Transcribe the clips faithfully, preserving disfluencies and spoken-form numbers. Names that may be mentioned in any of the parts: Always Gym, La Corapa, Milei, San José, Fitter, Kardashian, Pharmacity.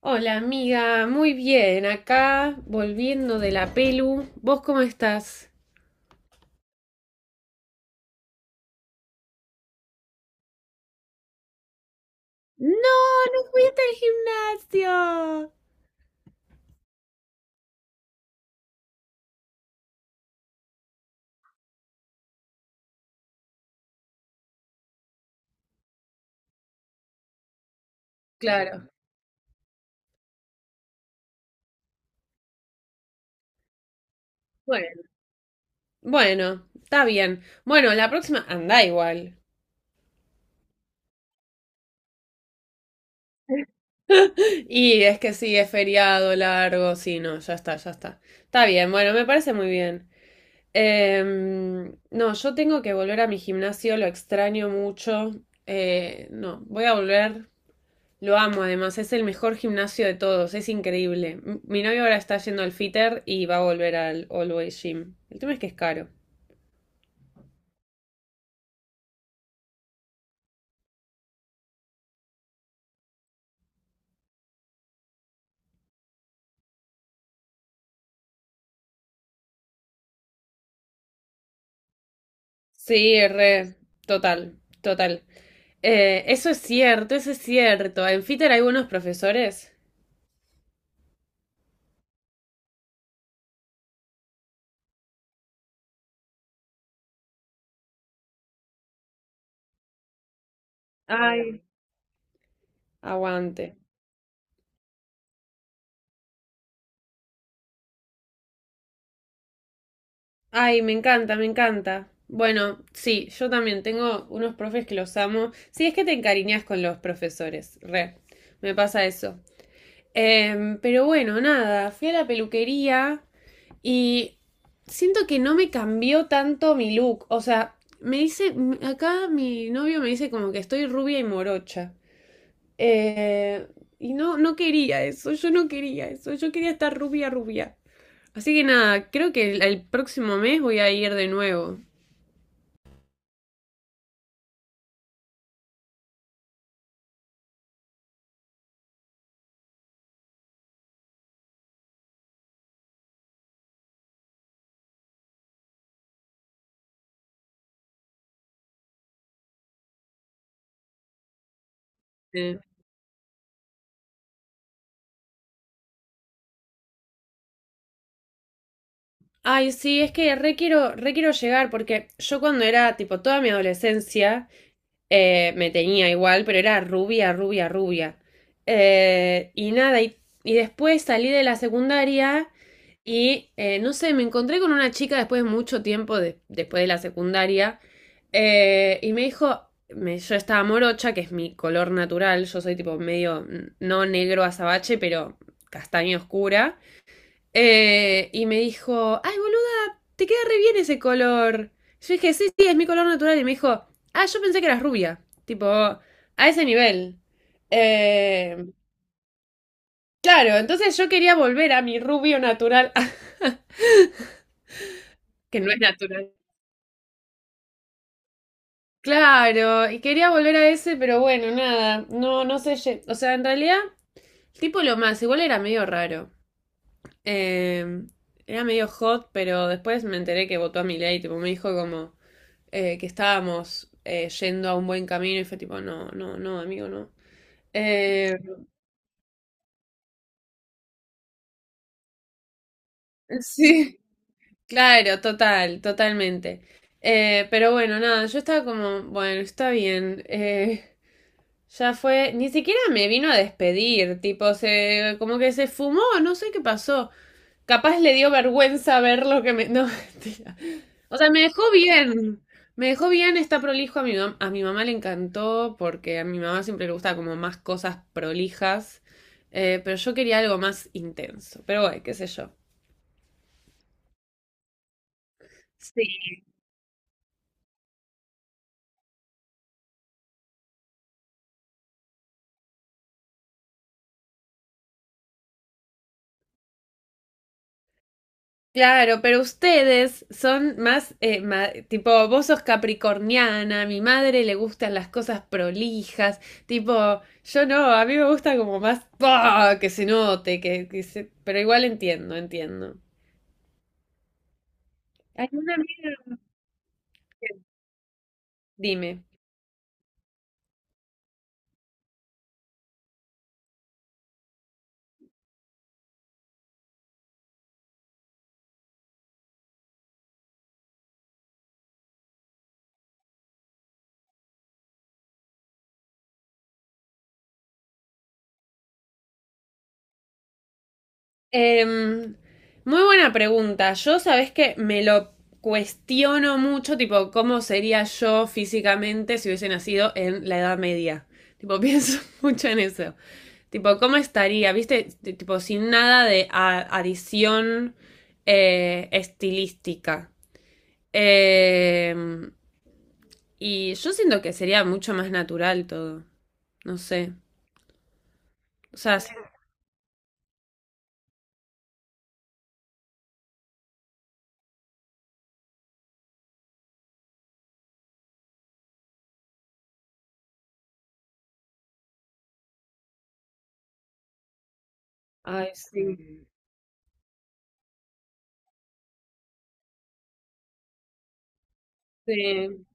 Hola amiga, muy bien, acá volviendo de la pelu. ¿Vos cómo estás? No, no fuiste al gimnasio. Claro. Bueno. Bueno, está bien. Bueno, la próxima anda igual. Y es que sí, es feriado largo, sí, no, ya está, ya está. Está bien, bueno, me parece muy bien. Em, no, yo tengo que volver a mi gimnasio, lo extraño mucho. Eh, no, voy a volver. Lo amo, además, es el mejor gimnasio de todos, es increíble. M- Mi novio ahora está yendo al Fitter y va a volver al Always Gym. El tema es que es caro. Sí, re, total, total. Eh, eso es cierto, eso es cierto. En Fitter hay buenos profesores. Ay. Aguante. Ay, me encanta, me encanta. Bueno, sí, yo también tengo unos profes que los amo. Sí, es que te encariñas con los profesores, re. Me pasa eso. Em, pero bueno, nada, fui a la peluquería y siento que no me cambió tanto mi look. O sea, me dice, m- acá mi novio me dice como que estoy rubia y morocha. Eh, y no, no quería eso, yo no quería eso, yo quería estar rubia, rubia. Así que nada, creo que el, el próximo mes voy a ir de nuevo. Eh, Ay, sí, es que re quiero, re quiero llegar porque yo cuando era tipo toda mi adolescencia Eh, me tenía igual, pero era rubia, rubia, rubia. Eh, y nada, y, Y después salí de la secundaria y eh, no sé, me encontré con una chica después de mucho tiempo, de- después de la secundaria, eh, y me dijo, me- yo estaba morocha, que es mi color natural, yo soy tipo medio, mm, no negro azabache, pero castaña oscura. Eh, y me dijo, ay, boluda, te queda re bien ese color. Yo dije, sí, sí, es mi color natural. Y me dijo, ah, yo pensé que eras rubia. Tipo, a ese nivel. Eh, claro, entonces yo quería volver a mi rubio natural, que no es natural. Claro, y quería volver a ese, pero bueno, nada, no, no sé, lle- o sea, en realidad, el tipo lo más, igual era medio raro. Eh, Era medio hot, pero después me enteré que votó a Milei, tipo, me dijo como, eh, que estábamos eh, yendo a un buen camino y fue tipo, no, no, no, amigo, no. Eh, sí, claro, total, totalmente. Eh, pero bueno, nada, yo estaba como, bueno, está bien. Eh, ya fue, ni siquiera me vino a despedir, tipo, se, como que se fumó, no sé qué pasó. Capaz le dio vergüenza ver lo que me. No, mentira. O sea, me dejó bien. Me dejó bien, está prolijo. A mi, mam- a mi mamá le encantó porque a mi mamá siempre le gusta como más cosas prolijas. Eh, pero yo quería algo más intenso. Pero bueno, qué sé yo. Sí. Claro, pero ustedes son más, eh, ma- tipo, vos sos capricorniana, a mi madre le gustan las cosas prolijas, tipo, yo no, a mí me gusta como más, ¡pah!, que se note, que, que se- pero igual entiendo, entiendo. Hay una amiga que- dime. Em, Muy buena pregunta. Yo, sabes que me lo cuestiono mucho, tipo, cómo sería yo físicamente si hubiese nacido en la Edad Media. Tipo, pienso mucho en eso. Tipo, ¿cómo estaría? ¿Viste? T- Tipo, sin nada de a- adición eh, estilística. Em, y yo siento que sería mucho más natural todo. No sé. O sea, s- Ay, sí. Sí.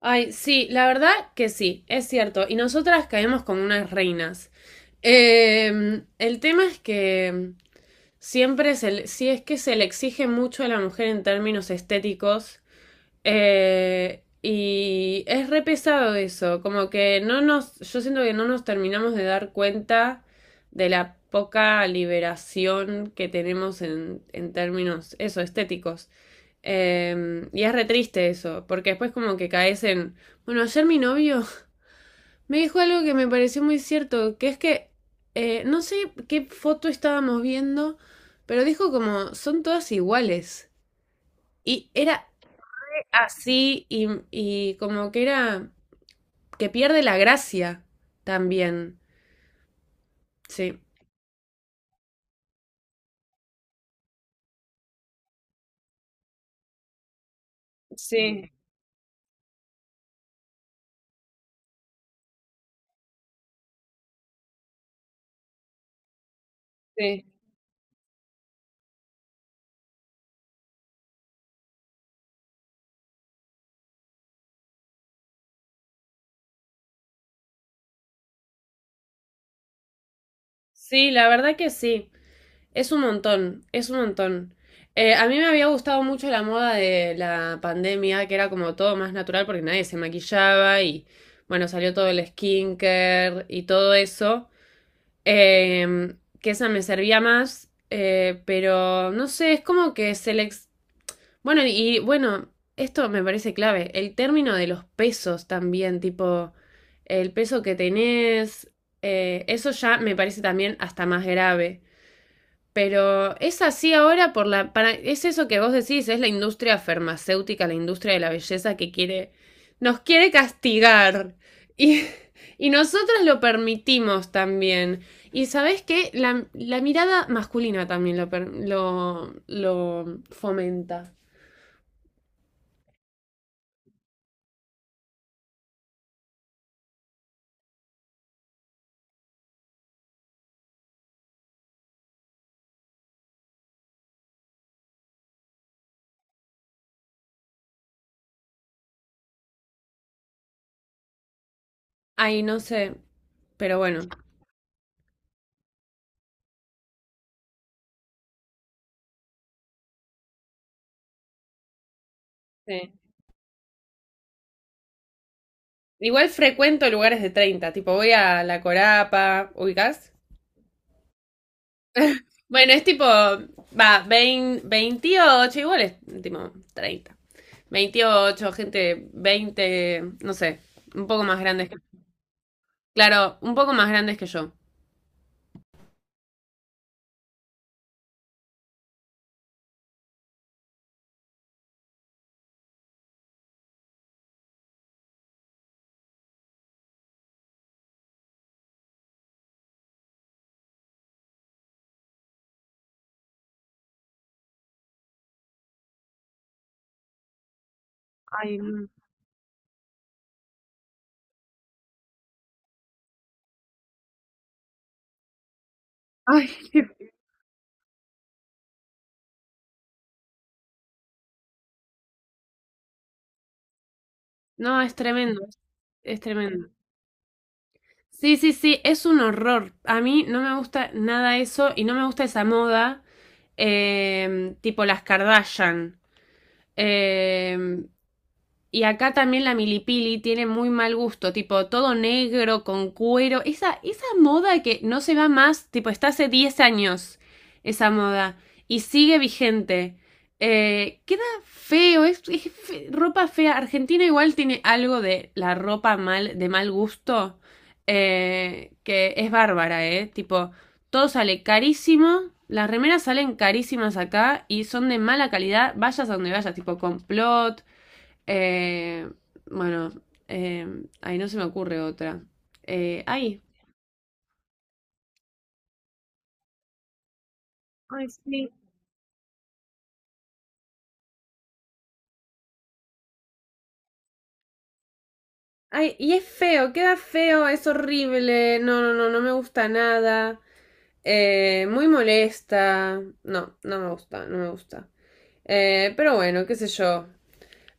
Ay, sí, la verdad que sí, es cierto. Y nosotras caemos como unas reinas. Eh, el tema es que siempre se le- sí es que se le exige mucho a la mujer en términos estéticos. Eh, y es re pesado eso. Como que no nos, yo siento que no nos terminamos de dar cuenta de la poca liberación que tenemos en, en términos, eso, estéticos. Eh, y es re triste eso, porque después como que caes en... Bueno, ayer mi novio me dijo algo que me pareció muy cierto, que es que eh, no sé qué foto estábamos viendo, pero dijo como son todas iguales. Y era así y, y como que era que pierde la gracia también. Sí. Sí, sí. Sí, la verdad que sí. Es un montón, es un montón. Eh, a mí me había gustado mucho la moda de la pandemia, que era como todo más natural porque nadie se maquillaba y bueno, salió todo el skincare y todo eso, eh, que esa me servía más, eh, pero no sé, es como que se le... ex- Bueno, y bueno, esto me parece clave, el término de los pesos también, tipo el peso que tenés, eh, eso ya me parece también hasta más grave. Pero es así ahora por la, para, es eso que vos decís, es la industria farmacéutica, la industria de la belleza que quiere, nos quiere castigar. Y, y nosotros lo permitimos también. Y sabés qué la, la mirada masculina también lo, lo, lo fomenta. Ay, no sé. Pero bueno. Sí. Igual frecuento lugares de treinta tipo voy a La Corapa, ubicás. Bueno, es tipo, va, veinte, veintiocho, igual es tipo treinta, veintiocho gente veinte, no sé, un poco más grandes que... Claro, un poco más grandes que yo. Ay, no. Ay, qué- no, es tremendo, es, es tremendo. Sí, sí, sí, es un horror. A mí no me gusta nada eso y no me gusta esa moda, em, tipo las Kardashian. Em, Y acá también la milipili tiene muy mal gusto, tipo todo negro, con cuero. Esa, esa moda que no se va más, tipo está hace diez años esa moda y sigue vigente. Eh, queda feo, es, es fe- ropa fea. Argentina igual tiene algo de la ropa mal, de mal gusto, eh, que es bárbara, ¿eh? Tipo, todo sale carísimo, las remeras salen carísimas acá y son de mala calidad, vayas a donde vayas, tipo complot. Eh, bueno, eh, ahí no se me ocurre otra. Eh, ay, Ay, sí. Ay, y es feo, queda feo, es horrible. No, no, no, no me gusta nada. Eh, muy molesta. No, no me gusta, no me gusta. Eh, pero bueno, qué sé yo.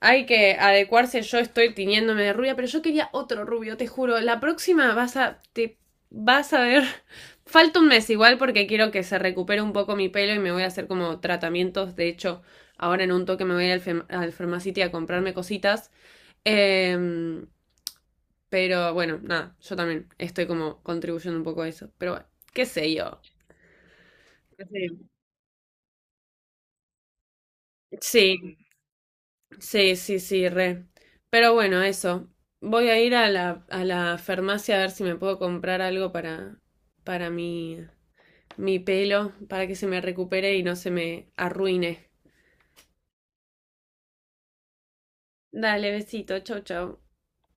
Hay que adecuarse, yo estoy tiñéndome de rubia, pero yo quería otro rubio, te juro. La próxima vas a. Te vas a ver. Falta un mes igual porque quiero que se recupere un poco mi pelo y me voy a hacer como tratamientos. De hecho, ahora en un toque me voy a ir al, fem- al Pharmacity a comprarme cositas. Em, pero bueno, nada, yo también estoy como contribuyendo un poco a eso. Pero bueno, qué sé yo. Qué sé yo. Sí. Sí, sí, sí, re. Pero bueno, eso. Voy a ir a la, a la farmacia a ver si me puedo comprar algo para, para mi, mi pelo, para que se me recupere y no se me arruine. Dale, besito, chau, chau.